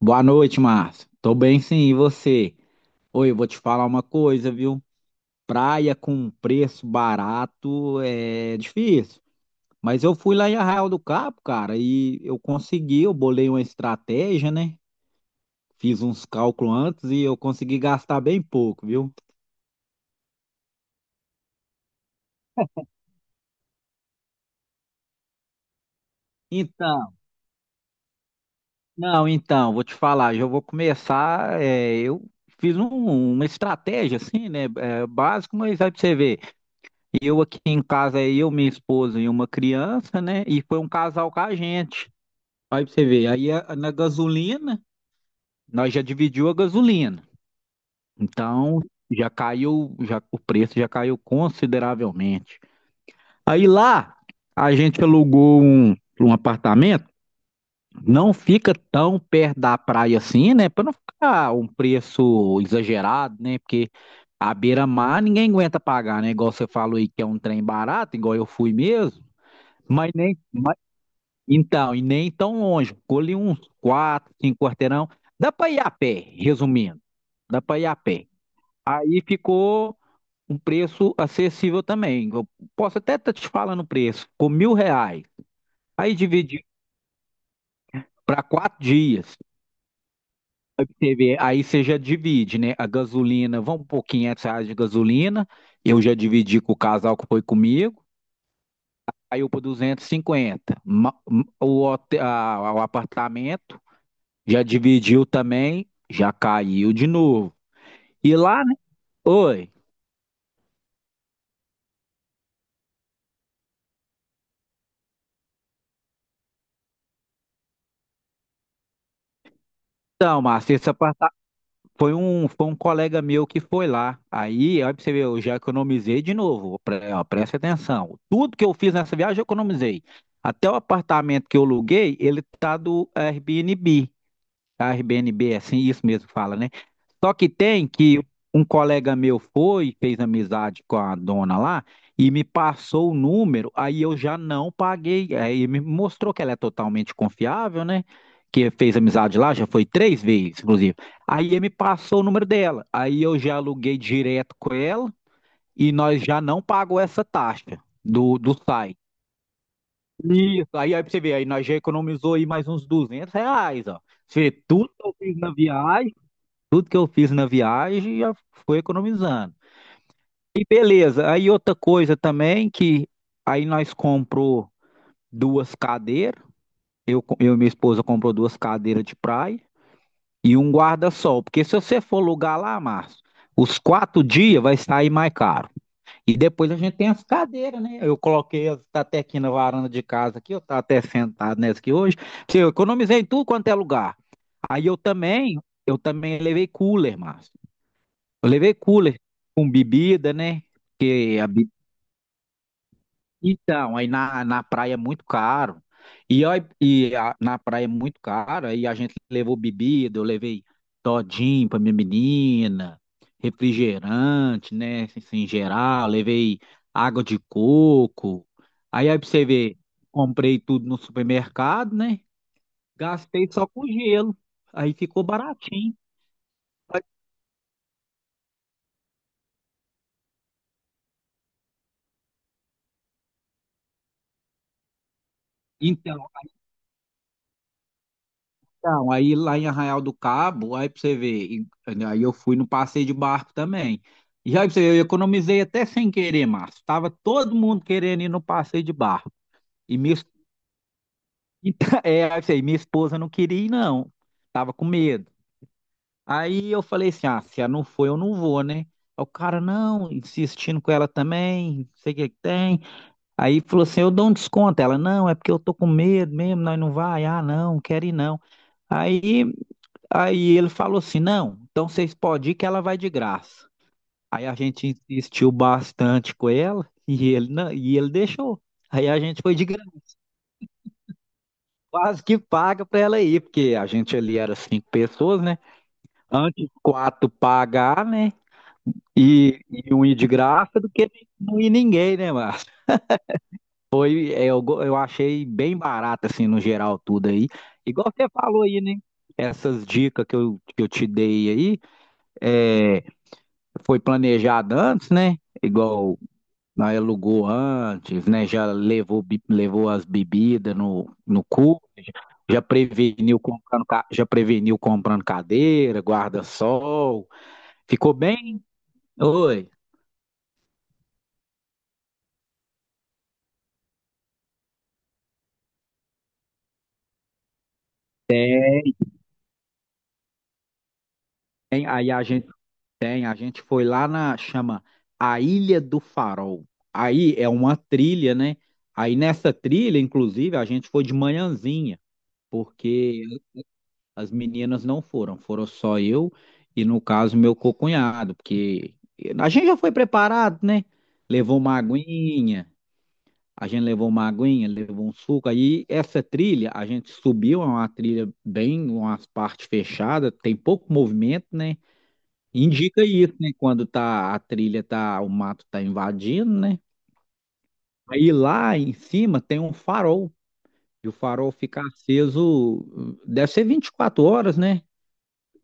Boa noite, Márcio. Tô bem sim, e você? Oi, eu vou te falar uma coisa, viu? Praia com preço barato é difícil. Mas eu fui lá em Arraial do Cabo, cara, e eu bolei uma estratégia, né? Fiz uns cálculos antes e eu consegui gastar bem pouco, viu? Então, não, então, vou te falar, já vou começar, eu fiz uma estratégia assim, né? É, básico, mas aí pra você ver. E eu aqui em casa, é eu, minha esposa e uma criança, né? E foi um casal com a gente. Aí pra você ver, na gasolina, nós já dividiu a gasolina. Então, já caiu, já o preço já caiu consideravelmente. Aí lá, a gente alugou um apartamento, não fica tão perto da praia assim, né? Para não ficar um preço exagerado, né? Porque a beira-mar ninguém aguenta pagar, né? Igual você falou aí que é um trem barato, igual eu fui mesmo. Mas nem. Mas- Então, e nem tão longe. Ficou ali uns quatro, cinco quarteirão. Dá para ir a pé, resumindo. Dá para ir a pé. Aí ficou um preço acessível também. Eu posso até estar te falando o preço. Ficou R$ 1.000. Aí dividi para 4 dias. Você vê. Aí você já divide, né? A gasolina, vamos por R$ 500 de gasolina. Eu já dividi com o casal que foi comigo. Aí eu por 250. O hotel, o apartamento. Já dividiu também, já caiu de novo. E lá, né? Oi. Então, Márcio, foi um colega meu que foi lá. Aí, olha pra você ver, eu já economizei de novo. Ó, presta atenção. Tudo que eu fiz nessa viagem, eu economizei. Até o apartamento que eu aluguei, ele tá do Airbnb. A Airbnb, é assim, isso mesmo fala, né? Só que tem que um colega meu foi, fez amizade com a dona lá e me passou o número, aí eu já não paguei. Aí me mostrou que ela é totalmente confiável, né? Que fez amizade lá, já foi três vezes, inclusive. Aí ele me passou o número dela. Aí eu já aluguei direto com ela e nós já não pagou essa taxa do site. Isso, aí pra você ver, aí nós já economizou aí mais uns R$ 200, ó. Você tudo que eu fiz na viagem. Tudo que eu fiz na viagem já foi economizando. E beleza, aí outra coisa também que aí nós comprou duas cadeiras, eu e minha esposa comprou duas cadeiras de praia e um guarda-sol, porque se você for alugar lá, Márcio, os 4 dias vai sair mais caro. E depois a gente tem as cadeiras, né? Eu coloquei, tá até aqui na varanda de casa aqui, eu tá até sentado nessa aqui hoje, eu economizei em tudo quanto é lugar. Aí eu também levei cooler, Márcio. Eu levei cooler com bebida, né? Porque a bebida. Então, aí na praia é muito caro. Na praia é muito caro. Aí a gente levou bebida, eu levei todinho pra minha menina, refrigerante, né? Assim, em geral, levei água de coco. Aí pra você ver, comprei tudo no supermercado, né? Gastei só com gelo. Aí ficou baratinho. Então. Então, aí lá em Arraial do Cabo, aí pra você ver, né, aí eu fui no passeio de barco também. E aí pra você ver, eu economizei até sem querer, Márcio. Tava todo mundo querendo ir no passeio de barco. E minha, es- assim, aí pra você ver, minha esposa não queria ir, não. Tava com medo. Aí eu falei assim, ah, se ela não for, eu não vou, né? Aí o cara, não, insistindo com ela também, não sei o que que tem. Aí falou assim, eu dou um desconto. Ela, não, é porque eu tô com medo mesmo, nós não vai. Ah, não, não quero ir não. Aí... Aí ele falou assim: não, então vocês podem ir que ela vai de graça. Aí a gente insistiu bastante com ela e ele, não, e ele deixou. Aí a gente foi de graça, quase que paga para ela ir, porque a gente ali era cinco pessoas, né? Antes quatro pagar, né? E um ir de graça do que não ir ninguém, né, Márcio? Eu achei bem barato, assim, no geral, tudo aí. Igual você falou aí, né? Essas dicas que eu te dei aí. é, Foi planejado antes, né? Igual nós alugou antes, né? Já levou as bebidas no cu, já preveniu comprando cadeira, guarda-sol. Ficou bem? Oi. Aí a gente foi lá chama A Ilha do Farol. Aí é uma trilha, né? Aí nessa trilha, inclusive, a gente foi de manhãzinha, porque as meninas não foram, foram só eu e, no caso, meu cunhado, porque a gente já foi preparado, né? Levou uma aguinha, a gente levou uma aguinha, levou um suco. Aí essa trilha, a gente subiu, é uma trilha bem, umas partes fechadas, tem pouco movimento, né? Indica isso, né? A trilha tá, o mato tá invadindo, né? Aí lá em cima tem um farol, e o farol fica aceso, deve ser 24 horas, né?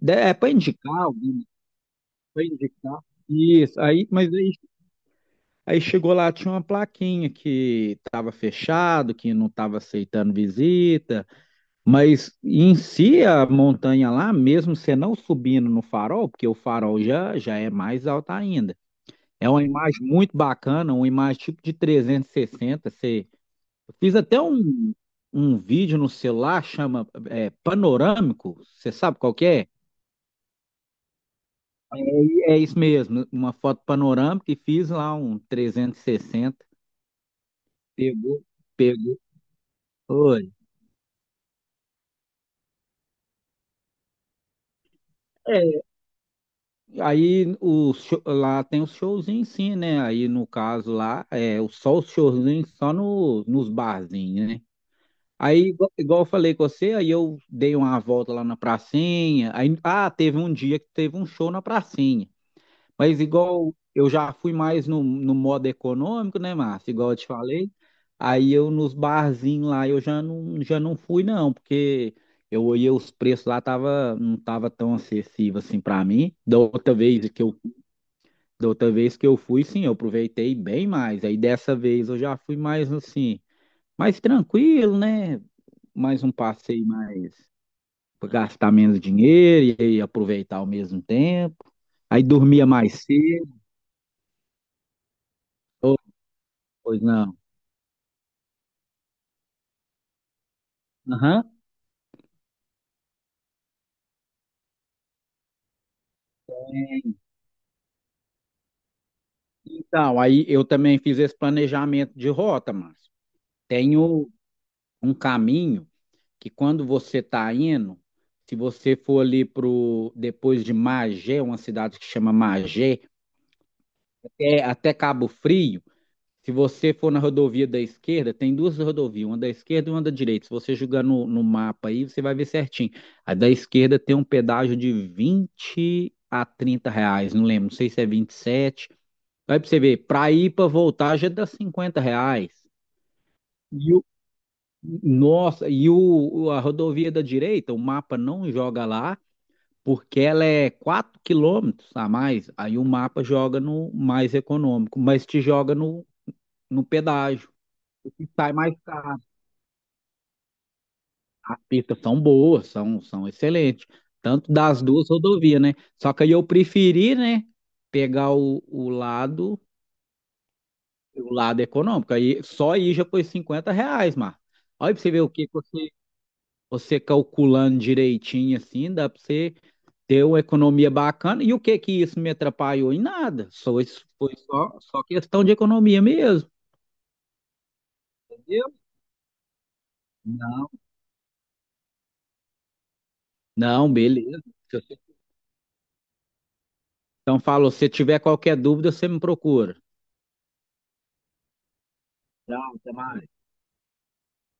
É para indicar. Foi indicar. Isso, aí, mas aí chegou lá, tinha uma plaquinha que estava fechado, que não estava aceitando visita, mas em si a montanha lá, mesmo você não subindo no farol, porque o farol já é mais alto ainda. É uma imagem muito bacana, uma imagem tipo de 360. Eu fiz até um vídeo no celular, chama Panorâmico, você sabe qual que é? É isso mesmo, uma foto panorâmica e fiz lá um 360, pegou, pegou. Oi. É, aí lá tem os showzinhos sim, né? Aí no caso lá, só os showzinhos só no, nos barzinhos, né? Aí, igual eu falei com você, aí eu dei uma volta lá na pracinha. Aí, ah, teve um dia que teve um show na pracinha. Mas igual eu já fui mais no modo econômico, né, Márcio? Igual eu te falei. Aí eu nos barzinhos lá eu já não fui não, porque eu olhei os preços lá tava não tava tão acessível assim para mim. Da outra vez que eu da outra vez que eu fui, sim, eu aproveitei bem mais. Aí dessa vez eu já fui mais assim, mais tranquilo, né? Mais um passeio mais para gastar menos dinheiro e aí aproveitar ao mesmo tempo. Aí dormia mais cedo. Ô, pois não. Aham. Então, aí eu também fiz esse planejamento de rota, Márcio. Tenho um caminho que quando você está indo, se você for ali pro depois de Magé, uma cidade que chama Magé, até Cabo Frio, se você for na rodovia da esquerda, tem duas rodovias, uma da esquerda e uma da direita. Se você jogar no mapa aí, você vai ver certinho. A da esquerda tem um pedágio de R$ 20 a 30, não lembro, não sei se é 27. Aí pra você ver, pra ir pra voltar já dá R$ 50. E o, Nossa, a rodovia da direita, o mapa não joga lá, porque ela é 4 quilômetros a mais. Aí o mapa joga no mais econômico, mas te joga no pedágio. E sai mais caro. As pistas são boas, são excelentes. Tanto das duas rodovias, né? Só que aí eu preferi, né? Pegar o lado econômico. Aí, só aí já foi R$ 50, Mar. Olha pra você ver o que que você calculando direitinho assim, dá pra você ter uma economia bacana. E o que que isso me atrapalhou? Em nada. Só, isso foi só questão de economia mesmo. Entendeu? Não, não, beleza. Se você- Então, falou, se tiver qualquer dúvida, você me procura. Tchau, até mais.